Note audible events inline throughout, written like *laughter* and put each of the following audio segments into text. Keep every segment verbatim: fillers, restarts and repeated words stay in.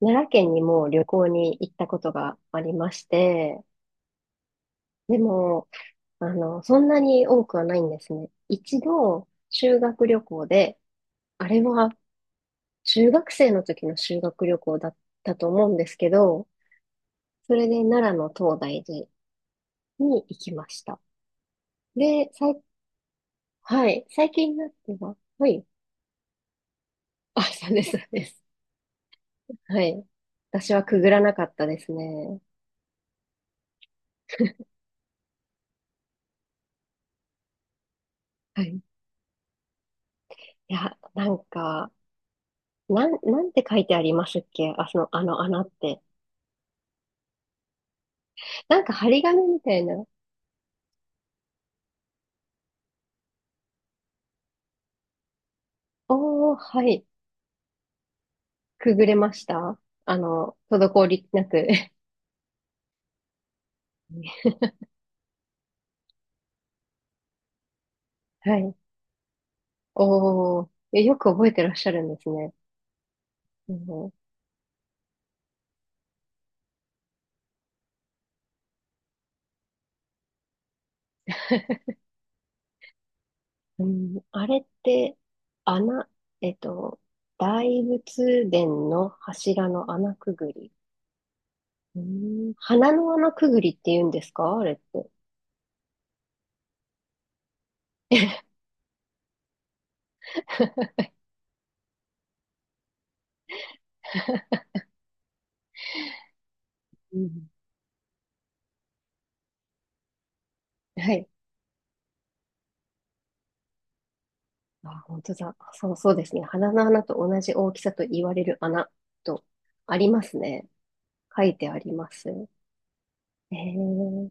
奈良県にも旅行に行ったことがありまして、でも、あの、そんなに多くはないんですね。一度、修学旅行で、あれは中学生の時の修学旅行だったと思うんですけど、それで奈良の東大寺に行きました。で、さい、はい、最近になっては、はい、あ、そうです、そうです。はい。私はくぐらなかったですね。はい。いや、なんか、なん、なんて書いてありますっけ？あ、その、あの穴って。なんか張り紙みたいな。おー、はい。くぐれました？あの、滞りなく。 *laughs* はい。おー、えよく覚えてらっしゃるんですね。うん、うん、あれって、穴、えっと、大仏殿の柱の穴くぐり。うん、鼻の穴くぐりって言うんですか、あれって。*laughs* うん、はい。あ、本当だ。そう、そうですね。鼻の穴と同じ大きさと言われる穴とありますね。書いてあります。えー、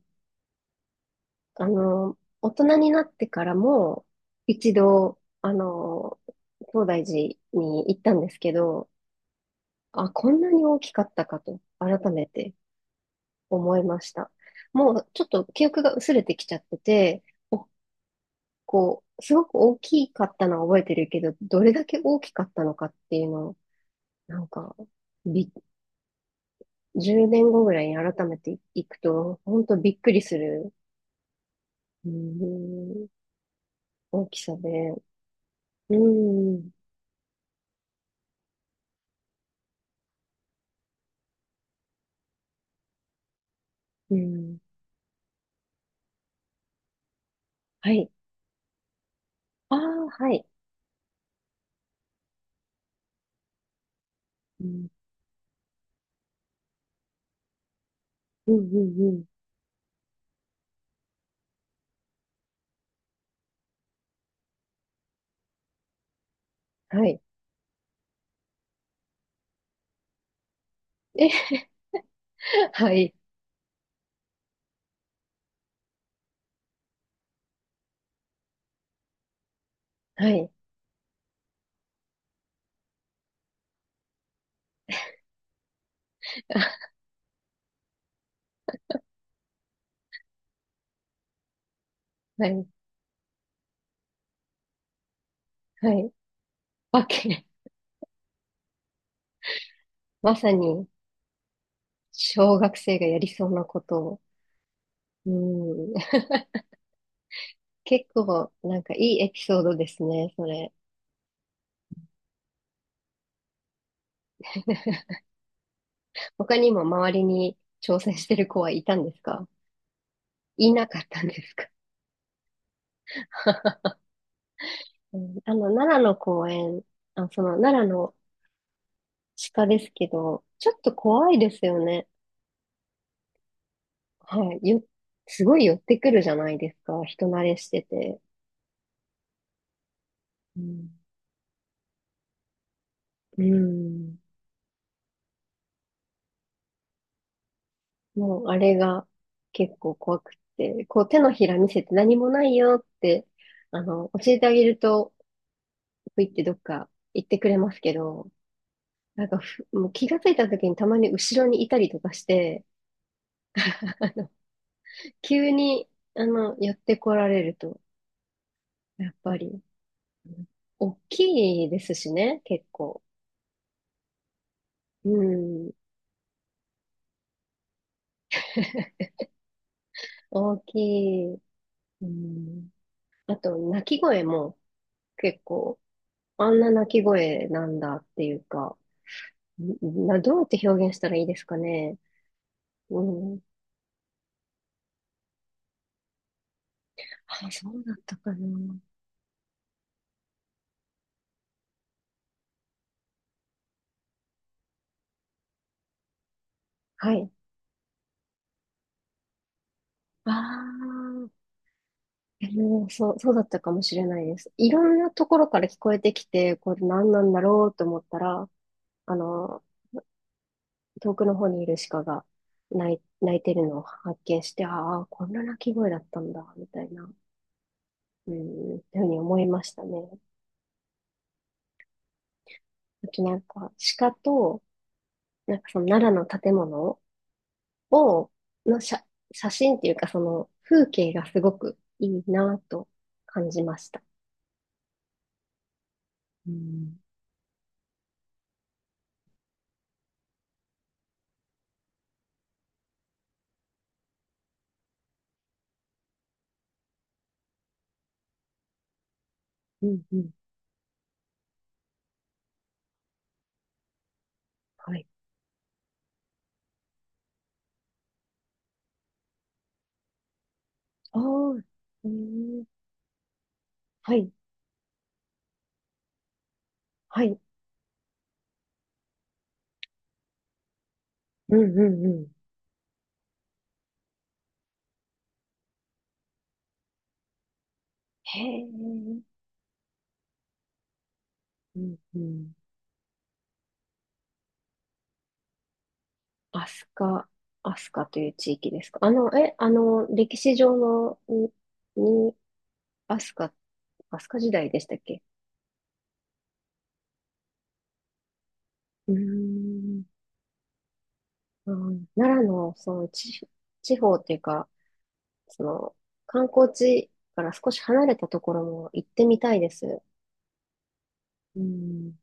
あの、大人になってからも、一度、あの、東大寺に行ったんですけど、あ、こんなに大きかったかと、改めて思いました。もう、ちょっと記憶が薄れてきちゃってて、おこう、すごく大きかったのは覚えてるけど、どれだけ大きかったのかっていうのを、なんか、びっじゅうねんごぐらいに改めて行くと、本当びっくりする、うん、大きさで。うん、うん。はい。ああ、はい。うん、うん、うん、うん。はい。え、*laughs* はい、はい、*laughs* はい、はい。わけ、まさに、小学生がやりそうなことを。うん、結構、なんかいいエピソードですね、それ。*laughs* 他にも周りに挑戦してる子はいたんですか？いなかったんですか？ *laughs* うん、あの、奈良の公園、あ、その奈良の鹿ですけど、ちょっと怖いですよね。はい。よ、すごい寄ってくるじゃないですか。人慣れしてて。うん。うん。もう、あれが結構怖くって、こう手のひら見せて何もないよって、あの、教えてあげると、ぷいってどっか行ってくれますけど、なんかふ、もう気がついた時にたまに後ろにいたりとかして、急に、あの、寄ってこられると、やっぱり。大きいですしね、結構。うん。大きい。うん。あと、鳴き声も結構、あんな鳴き声なんだっていうか、んな、どうやって表現したらいいですかね。うん。あ、そうだったかな。はい。ああ、でもそう、そうだったかもしれないです。いろんなところから聞こえてきて、これ何なんだろうと思ったら、あの、遠くの方にいる鹿が泣い、泣いてるのを発見して、ああ、こんな鳴き声だったんだ、みたいな、うん、っていうふうに思いましたね。あとなんか、鹿と、なんかその奈良の建物を、の写、写真っていうか、その風景がすごくいいなと感じました。うん、うん、うん。はい。ああ、うん、はい、はい。うん、うん、うん。へえ、うん、うん。アスカアスカという地域ですか。あの、え、あの、歴史上の、に、にアスカアスカ時代でしたっけ？うーん、うん、奈良の、その、地、地方っていうか、その、観光地から少し離れたところも行ってみたいです。うん、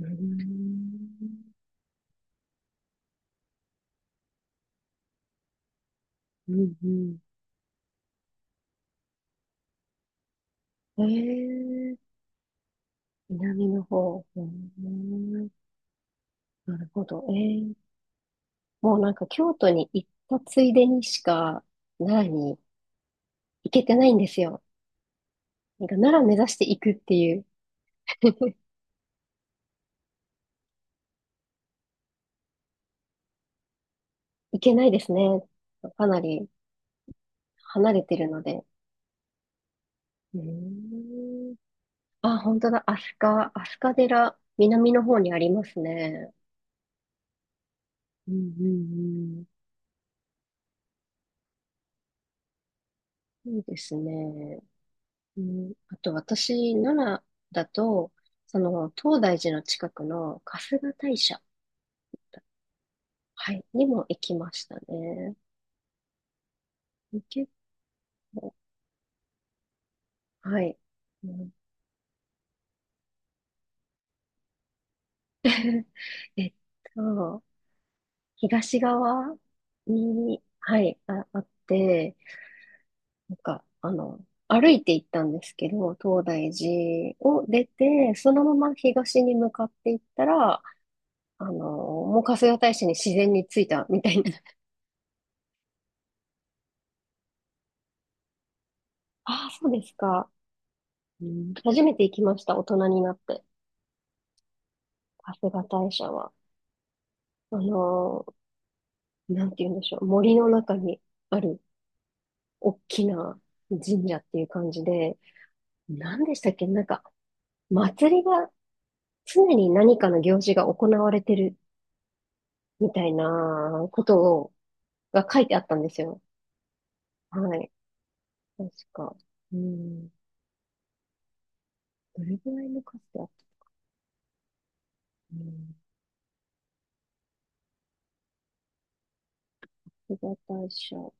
うん、うん、うん。えー、南の方。うーん、なるほど。えー、もうなんか京都に行ったついでにしか、奈良に行けてないんですよ。なんか奈良目指して行くっていう。*laughs* 行けないですね。かなり離れてるので。うーん。あ、本当だ。飛鳥、飛鳥寺、南の方にありますね。うん、うん、うん。いいですね。うん、あと私、奈良だと、その、東大寺の近くの春日大社、はい、にも行きましたね。結構、はい。うん。 *laughs* えっと、東側に、はい、あ、あって、なんか、あの、歩いて行ったんですけど、東大寺を出て、そのまま東に向かって行ったら、あの、もう春日大社に自然に着いたみたいな。*laughs* ああ、そうですか。うん、初めて行きました、大人になって。春日大社は。あのなんて言うんでしょう。森の中にある大きな神社っていう感じで、何でしたっけ、なんか、祭りが常に何かの行事が行われてるみたいなことを、が書いてあったんですよ。はい。確か。うん。どれぐらいの数だった？うん。被害対象。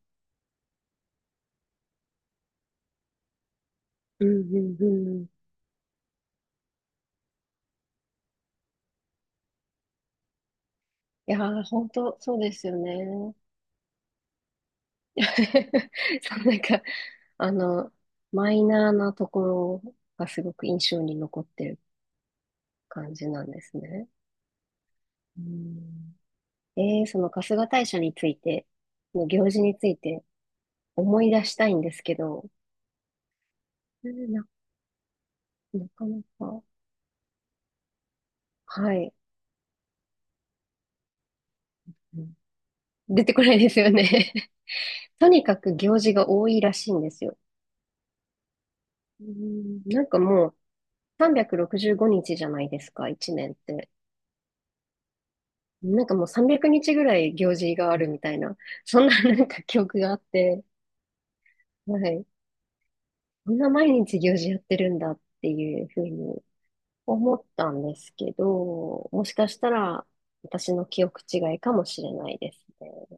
うん、うん、うん。いやー、本当そうですよね。*laughs* そう、なんか、あの、マイナーなところがすごく印象に残ってる感じなんですね。うん。えー、その春日大社について、の行事について思い出したいんですけど、うな、なかなか、はい。うん、出てこないですよね。*laughs* とにかく行事が多いらしいんですよ。うん、なんかもうさんびゃくろくじゅうごにちじゅうごにちじゃないですか、いちねんって。なんかもうさんびゃくにちぐらい行事があるみたいな、そんななんか記憶があって、はい。こんな毎日行事やってるんだっていうふうに思ったんですけど、もしかしたら私の記憶違いかもしれないですね。